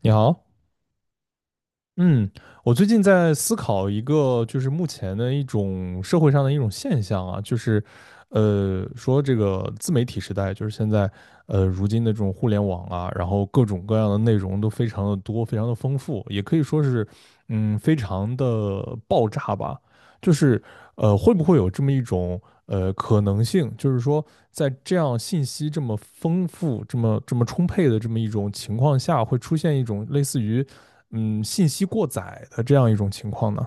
你好。嗯。我最近在思考一个，就是目前的一种社会上的一种现象啊，就是，说这个自媒体时代，就是现在，如今的这种互联网啊，然后各种各样的内容都非常的多，非常的丰富，也可以说是，嗯，非常的爆炸吧。就是，会不会有这么一种，可能性，就是说，在这样信息这么丰富、这么充沛的这么一种情况下，会出现一种类似于嗯信息过载的这样一种情况呢？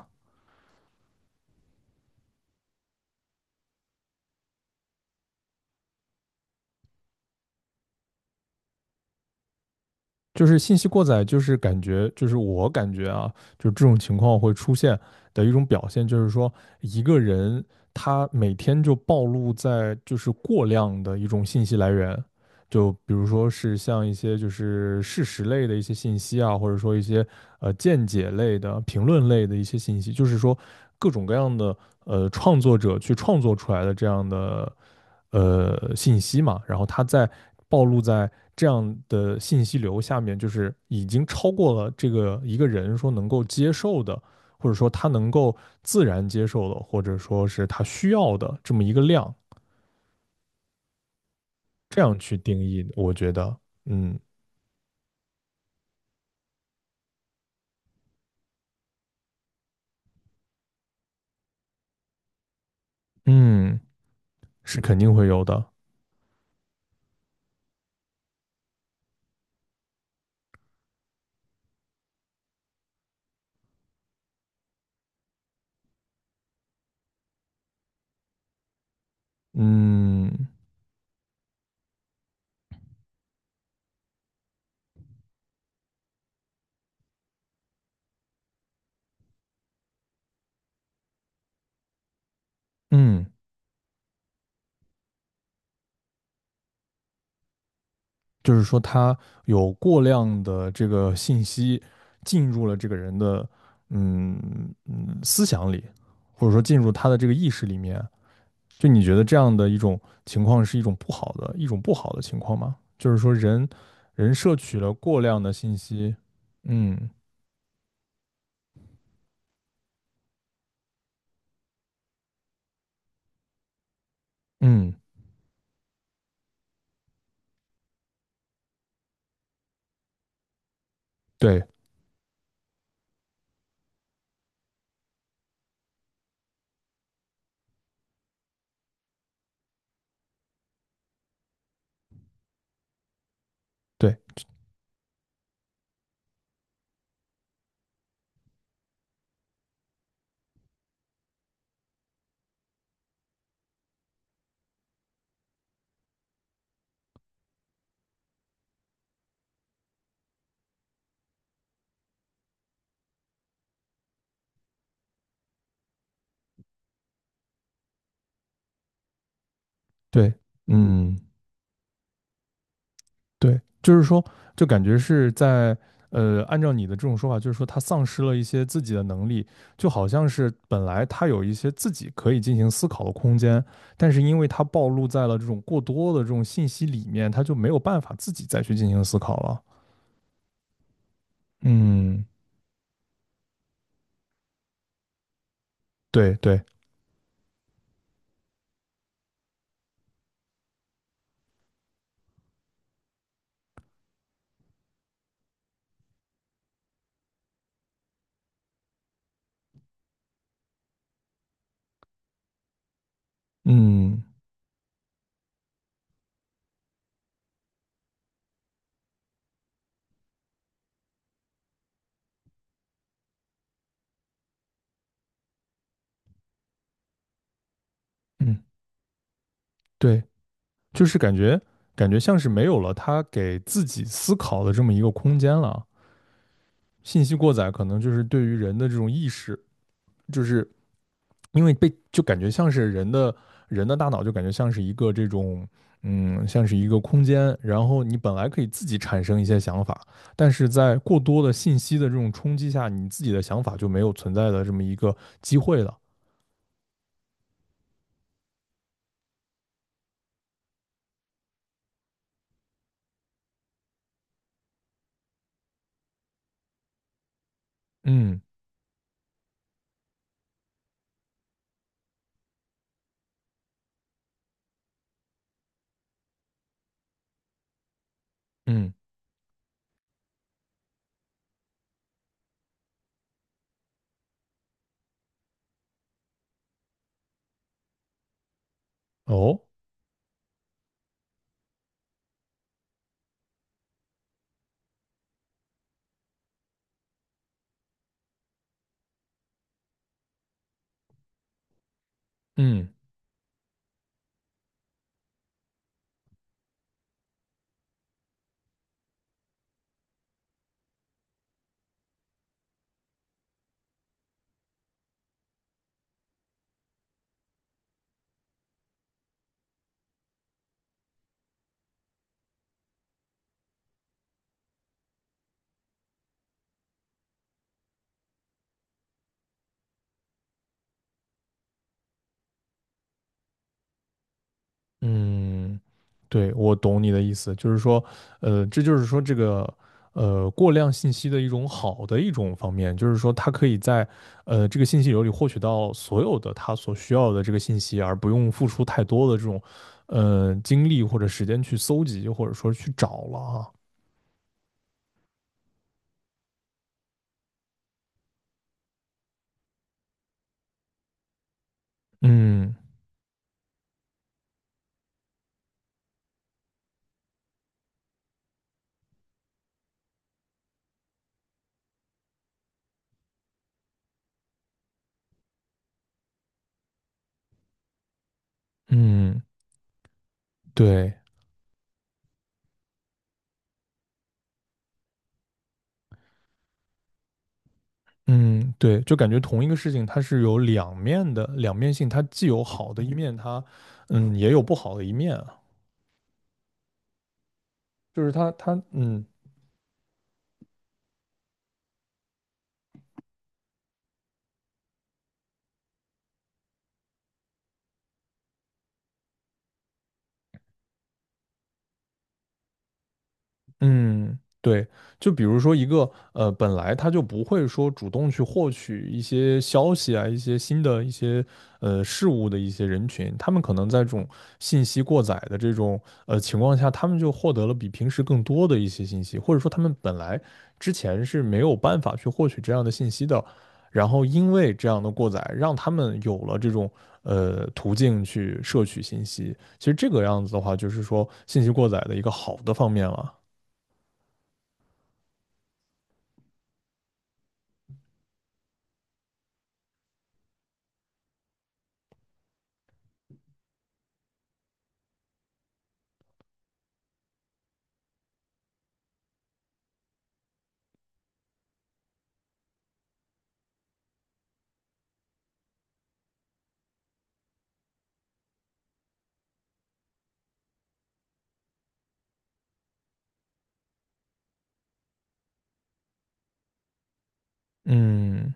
就是信息过载，就是感觉，就是我感觉啊，就这种情况会出现的一种表现，就是说一个人他每天就暴露在就是过量的一种信息来源，就比如说是像一些就是事实类的一些信息啊，或者说一些见解类的、评论类的一些信息，就是说各种各样的创作者去创作出来的这样的信息嘛，然后它在暴露在这样的信息流下面，就是已经超过了这个一个人说能够接受的，或者说他能够自然接受的，或者说是他需要的这么一个量，这样去定义，我觉得，嗯嗯，是肯定会有的。嗯嗯。就是说他有过量的这个信息进入了这个人的思想里，或者说进入他的这个意识里面。就你觉得这样的一种情况是一种不好的情况吗？就是说人摄取了过量的信息。嗯嗯。对对对，嗯对，就是说，就感觉是在按照你的这种说法，就是说他丧失了一些自己的能力，就好像是本来他有一些自己可以进行思考的空间，但是因为他暴露在了这种过多的这种信息里面，他就没有办法自己再去进行思考了。嗯。对对。嗯嗯。对，就是感觉感觉像是没有了他给自己思考的这么一个空间了。信息过载可能就是对于人的这种意识，就是因为被就感觉像是人的大脑就感觉像是一个这种嗯，像是一个空间，然后你本来可以自己产生一些想法，但是在过多的信息的这种冲击下，你自己的想法就没有存在的这么一个机会了。嗯嗯。哦。嗯。嗯，对，我懂你的意思，就是说，这就是说这个，过量信息的一种好的一种方面，就是说他可以在，这个信息流里获取到所有的他所需要的这个信息，而不用付出太多的这种，精力或者时间去搜集，或者说去找了啊。嗯嗯。对。嗯对，就感觉同一个事情它是有两面的，两面性，它既有好的一面，它，嗯，也有不好的一面啊。就是他他嗯，嗯，对，就比如说一个本来他就不会说主动去获取一些消息啊，一些新的一些事物的一些人群，他们可能在这种信息过载的这种情况下，他们就获得了比平时更多的一些信息，或者说他们本来之前是没有办法去获取这样的信息的，然后因为这样的过载，让他们有了这种途径去摄取信息。其实这个样子的话，就是说信息过载的一个好的方面了。嗯，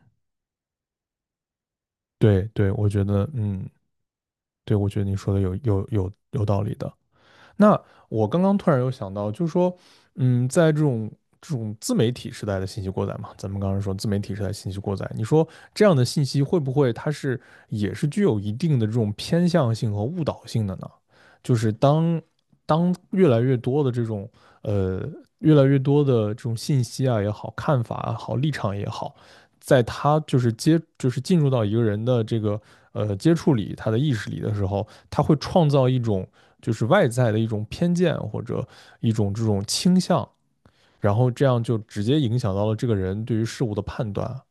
对对，我觉得，嗯，对，我觉得你说的有道理的。那我刚刚突然有想到，就是说，嗯，在这种自媒体时代的信息过载嘛，咱们刚刚说自媒体时代信息过载，你说这样的信息会不会它是也是具有一定的这种偏向性和误导性的呢？就是当越来越多的这种呃越来越多的这种信息啊也好，看法也好，立场也好，在他就是接就是进入到一个人的这个接触里，他的意识里的时候，他会创造一种就是外在的一种偏见或者一种这种倾向，然后这样就直接影响到了这个人对于事物的判断啊。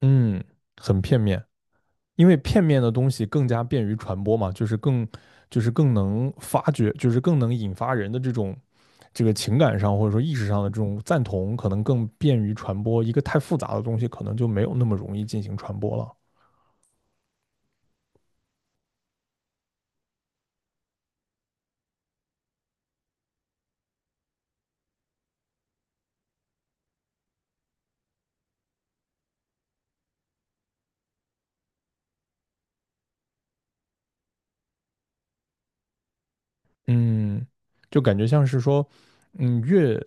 嗯，很片面。因为片面的东西更加便于传播嘛，就是更就是更能发掘，就是更能引发人的这种这个情感上或者说意识上的这种赞同，可能更便于传播。一个太复杂的东西，可能就没有那么容易进行传播了。嗯，就感觉像是说，嗯，越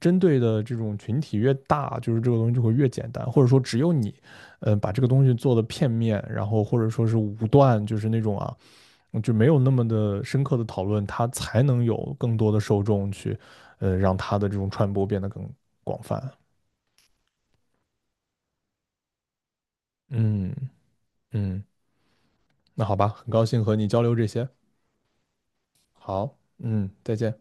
针对的这种群体越大，就是这个东西就会越简单，或者说只有你，把这个东西做的片面，然后或者说是武断，就是那种啊。就没有那么的深刻的讨论，它才能有更多的受众去，让它的这种传播变得更广泛。嗯嗯。那好吧，很高兴和你交流这些。好，嗯，再见。